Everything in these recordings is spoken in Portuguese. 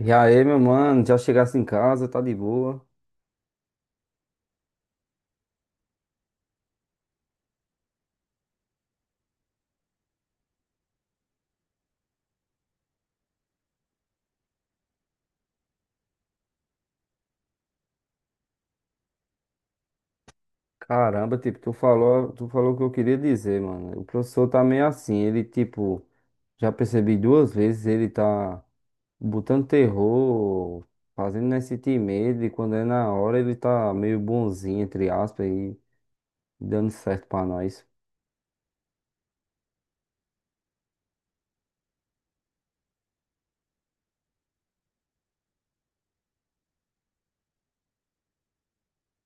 E aí, meu mano, já chegasse em casa, tá de boa. Caramba, tipo, tu falou o que eu queria dizer, mano. O professor tá meio assim, ele, tipo, já percebi duas vezes, ele tá botando terror, fazendo nós sentir medo, e quando é na hora ele tá meio bonzinho, entre aspas, e dando certo pra nós.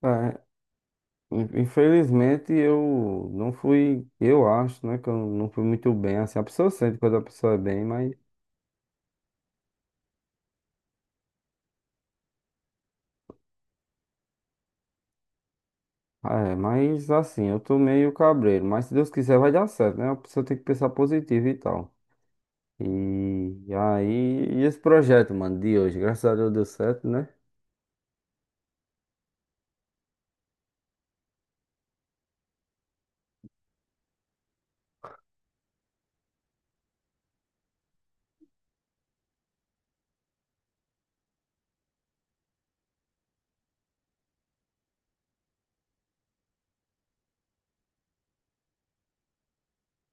É, infelizmente eu não fui, eu acho, né, que eu não fui muito bem, assim, a pessoa sente quando a pessoa é bem, mas. É, mas assim, eu tô meio cabreiro, mas se Deus quiser vai dar certo, né? A pessoa tem que pensar positivo e tal. E, e esse projeto, mano, de hoje, graças a Deus deu certo, né?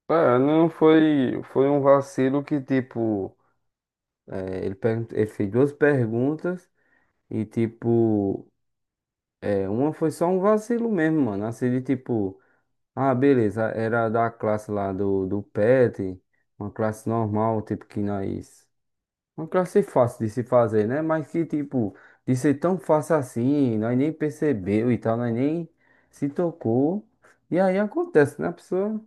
É, não foi, foi um vacilo que, tipo, é, ele, ele fez duas perguntas e, tipo, é, uma foi só um vacilo mesmo, mano. Assim, de tipo, ah, beleza, era da classe lá do PET, uma classe normal, tipo, que nós. Uma quero ser fácil de se fazer, né? Mas que, tipo, de ser tão fácil assim, nós nem percebeu e tal, nós nem se tocou. E aí acontece, né, pessoa?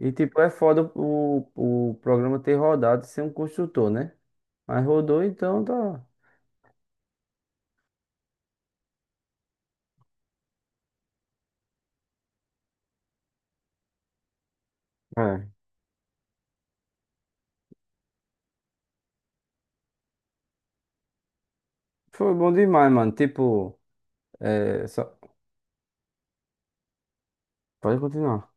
E, tipo, é foda o programa ter rodado sem um construtor, né? Mas rodou, então tá. É. Foi bom demais, mano. Tipo, é, só... pode continuar.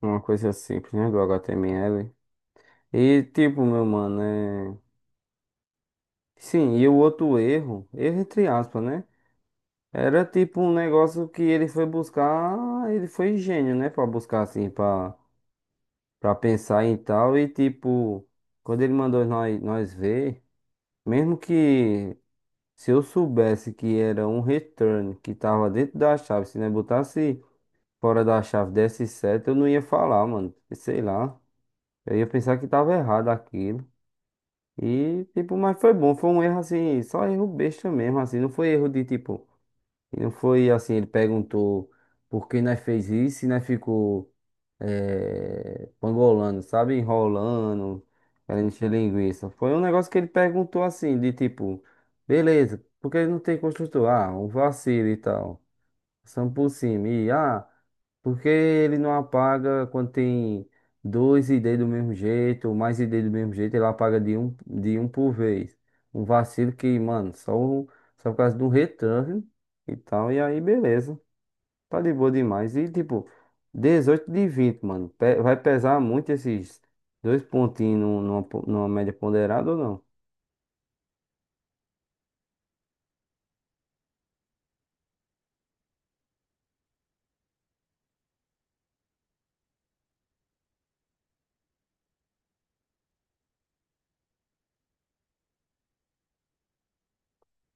Uma coisa simples, né, do HTML. E, tipo, meu mano, é... Sim, e o outro erro, erro entre aspas, né? Era tipo um negócio que ele foi buscar, ele foi gênio, né? Pra buscar assim, pra, pra pensar em tal. E tipo, quando ele mandou nós, nós ver, mesmo que se eu soubesse que era um return que tava dentro da chave, se não botasse fora da chave desse certo, eu não ia falar, mano. Sei lá. Eu ia pensar que tava errado aquilo. E tipo, mas foi bom, foi um erro assim, só erro besta mesmo, assim, não foi erro de tipo. E não foi assim, ele perguntou por que nós fez isso e nós ficou pangolando, sabe? Enrolando, querendo encher linguiça. Foi um negócio que ele perguntou assim, de tipo, beleza, porque ele não tem construtor? Ah, um vacilo e tal. São por cima. E, ah, porque ele não apaga quando tem dois ID do mesmo jeito, ou mais ID do mesmo jeito, ele apaga de um por vez. Um vacilo que, mano, só, só por causa de um return e tal, e aí beleza. Tá de boa demais. E tipo, 18 de 20, mano. Vai pesar muito esses dois pontinhos numa, numa média ponderada ou não?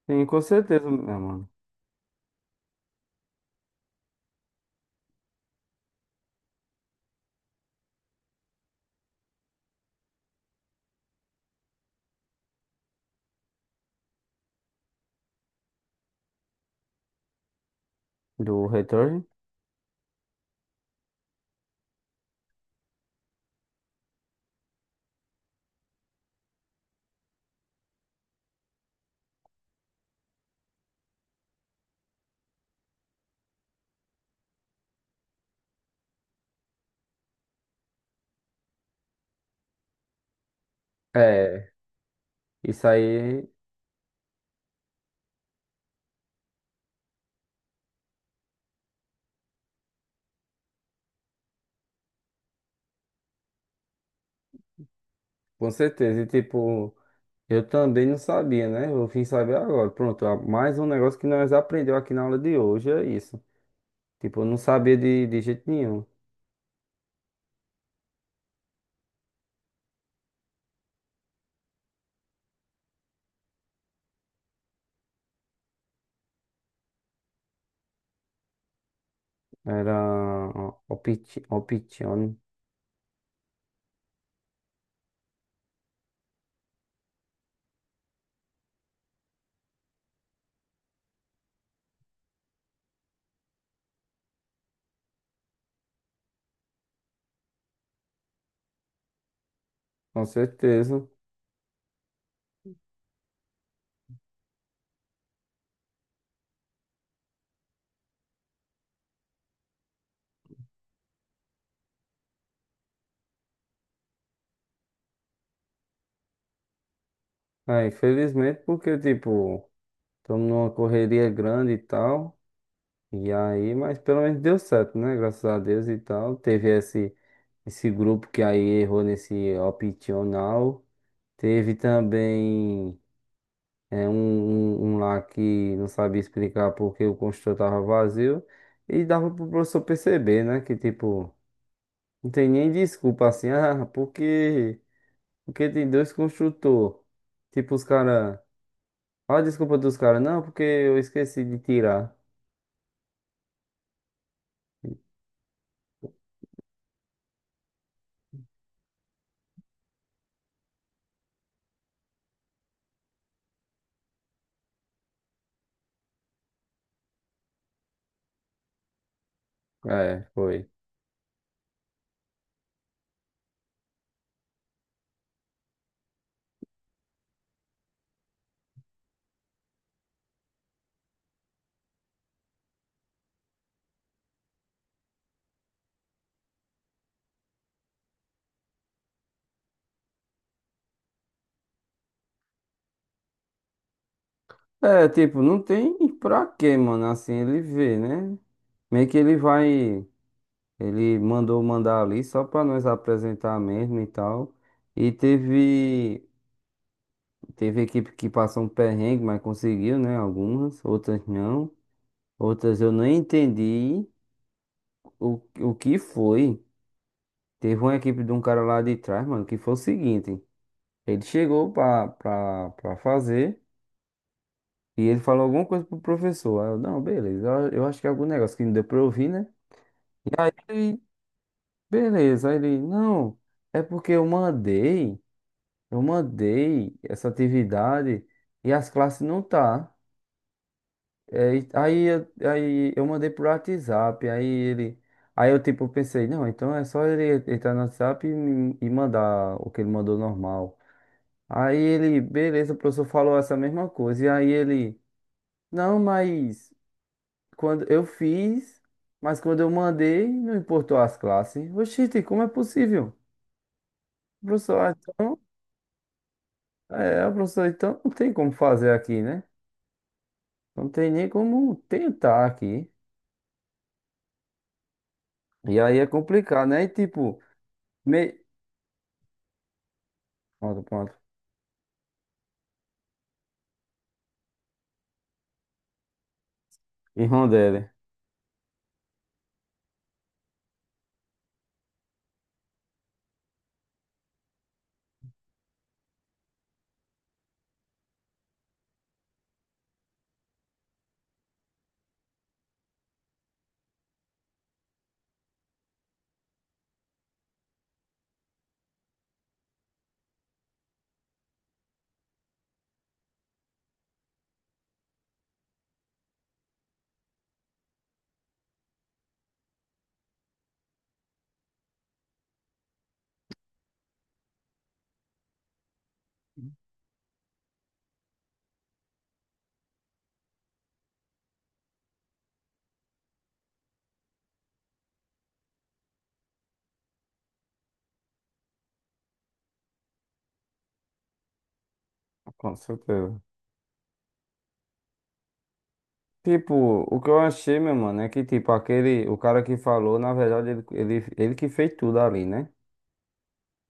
Sim, com certeza, meu mano. Do return. É, isso aí, com certeza. E tipo. Eu também não sabia, né? Eu vim saber agora. Pronto, ó, mais um negócio que nós aprendeu aqui na aula de hoje é isso. Tipo, eu não sabia de jeito nenhum. Era optione, com certeza. É, infelizmente, porque, tipo, estamos numa correria grande e tal. E aí, mas pelo menos deu certo, né? Graças a Deus e tal. Teve esse, esse grupo que aí errou nesse optional. Teve também. É um lá que não sabia explicar porque o construtor tava vazio. E dava pro professor perceber, né? Que tipo, não tem nem desculpa assim, ah, porque, porque tem dois construtores. Tipo, os caras. Olha a desculpa dos caras, não, porque eu esqueci de tirar. É, foi. É, tipo, não tem pra quê, mano, assim, ele vê, né? Meio que ele vai, ele mandou mandar ali só pra nós apresentar mesmo e tal. E teve, teve equipe que passou um perrengue, mas conseguiu, né? Algumas, outras não. Outras eu nem entendi o que foi. Teve uma equipe de um cara lá de trás, mano, que foi o seguinte. Ele chegou pra fazer e ele falou alguma coisa pro professor. Aí eu, não, beleza, eu acho que é algum negócio que não deu pra eu ouvir, né? Aí, ele, beleza, aí ele, não, é porque eu mandei essa atividade e as classes não tá. É, aí, aí eu mandei pro WhatsApp, aí ele, aí eu tipo pensei, não, então é só ele entrar no WhatsApp e, e mandar o que ele mandou normal. Aí ele, beleza, o professor falou essa mesma coisa, e aí ele, não, mas quando eu fiz, mas quando eu mandei, não importou as classes. Oxi, como é possível? Professor, ah, então, é, professor, então não tem como fazer aqui, né? Não tem nem como tentar aqui. E aí é complicado, né? E tipo, me... pronto, pronto. E Rondelli, com certeza. Tipo, o que eu achei, meu mano, é que tipo, aquele, o cara que falou, na verdade, ele, ele que fez tudo ali, né?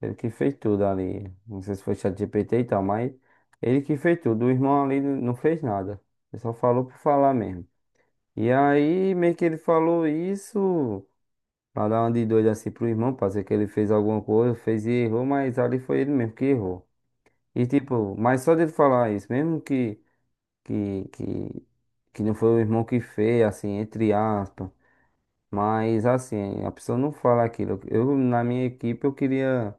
Ele que fez tudo ali. Não sei se foi ChatGPT e tal, mas ele que fez tudo. O irmão ali não fez nada. Ele só falou por falar mesmo. E aí, meio que ele falou isso. Pra dar uma de doido assim pro irmão, pra dizer que ele fez alguma coisa, fez e errou, mas ali foi ele mesmo que errou. E tipo, mas só dele falar isso, mesmo que, que, que, que não foi o irmão que fez, assim, entre aspas. Mas assim, a pessoa não fala aquilo. Eu, na minha equipe, eu queria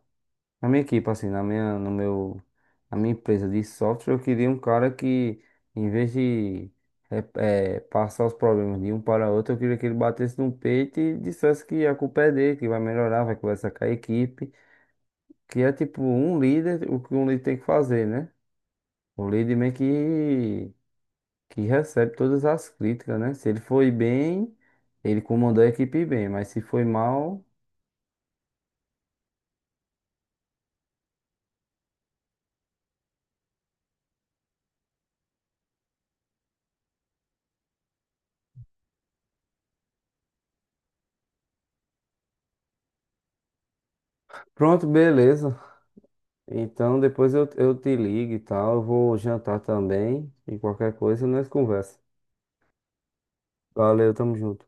na minha equipe, assim, na minha, no meu, na minha empresa de software, eu queria um cara que, em vez de passar os problemas de um para outro, eu queria que ele batesse no peito e dissesse que a culpa é dele, que vai melhorar, vai conversar com a equipe, que é tipo um líder, o que um líder tem que fazer, né? O líder meio que recebe todas as críticas, né? Se ele foi bem, ele comandou a equipe bem, mas se foi mal, pronto, beleza. Então depois eu te ligo e tal. Eu vou jantar também. E qualquer coisa nós conversa. Valeu, tamo junto.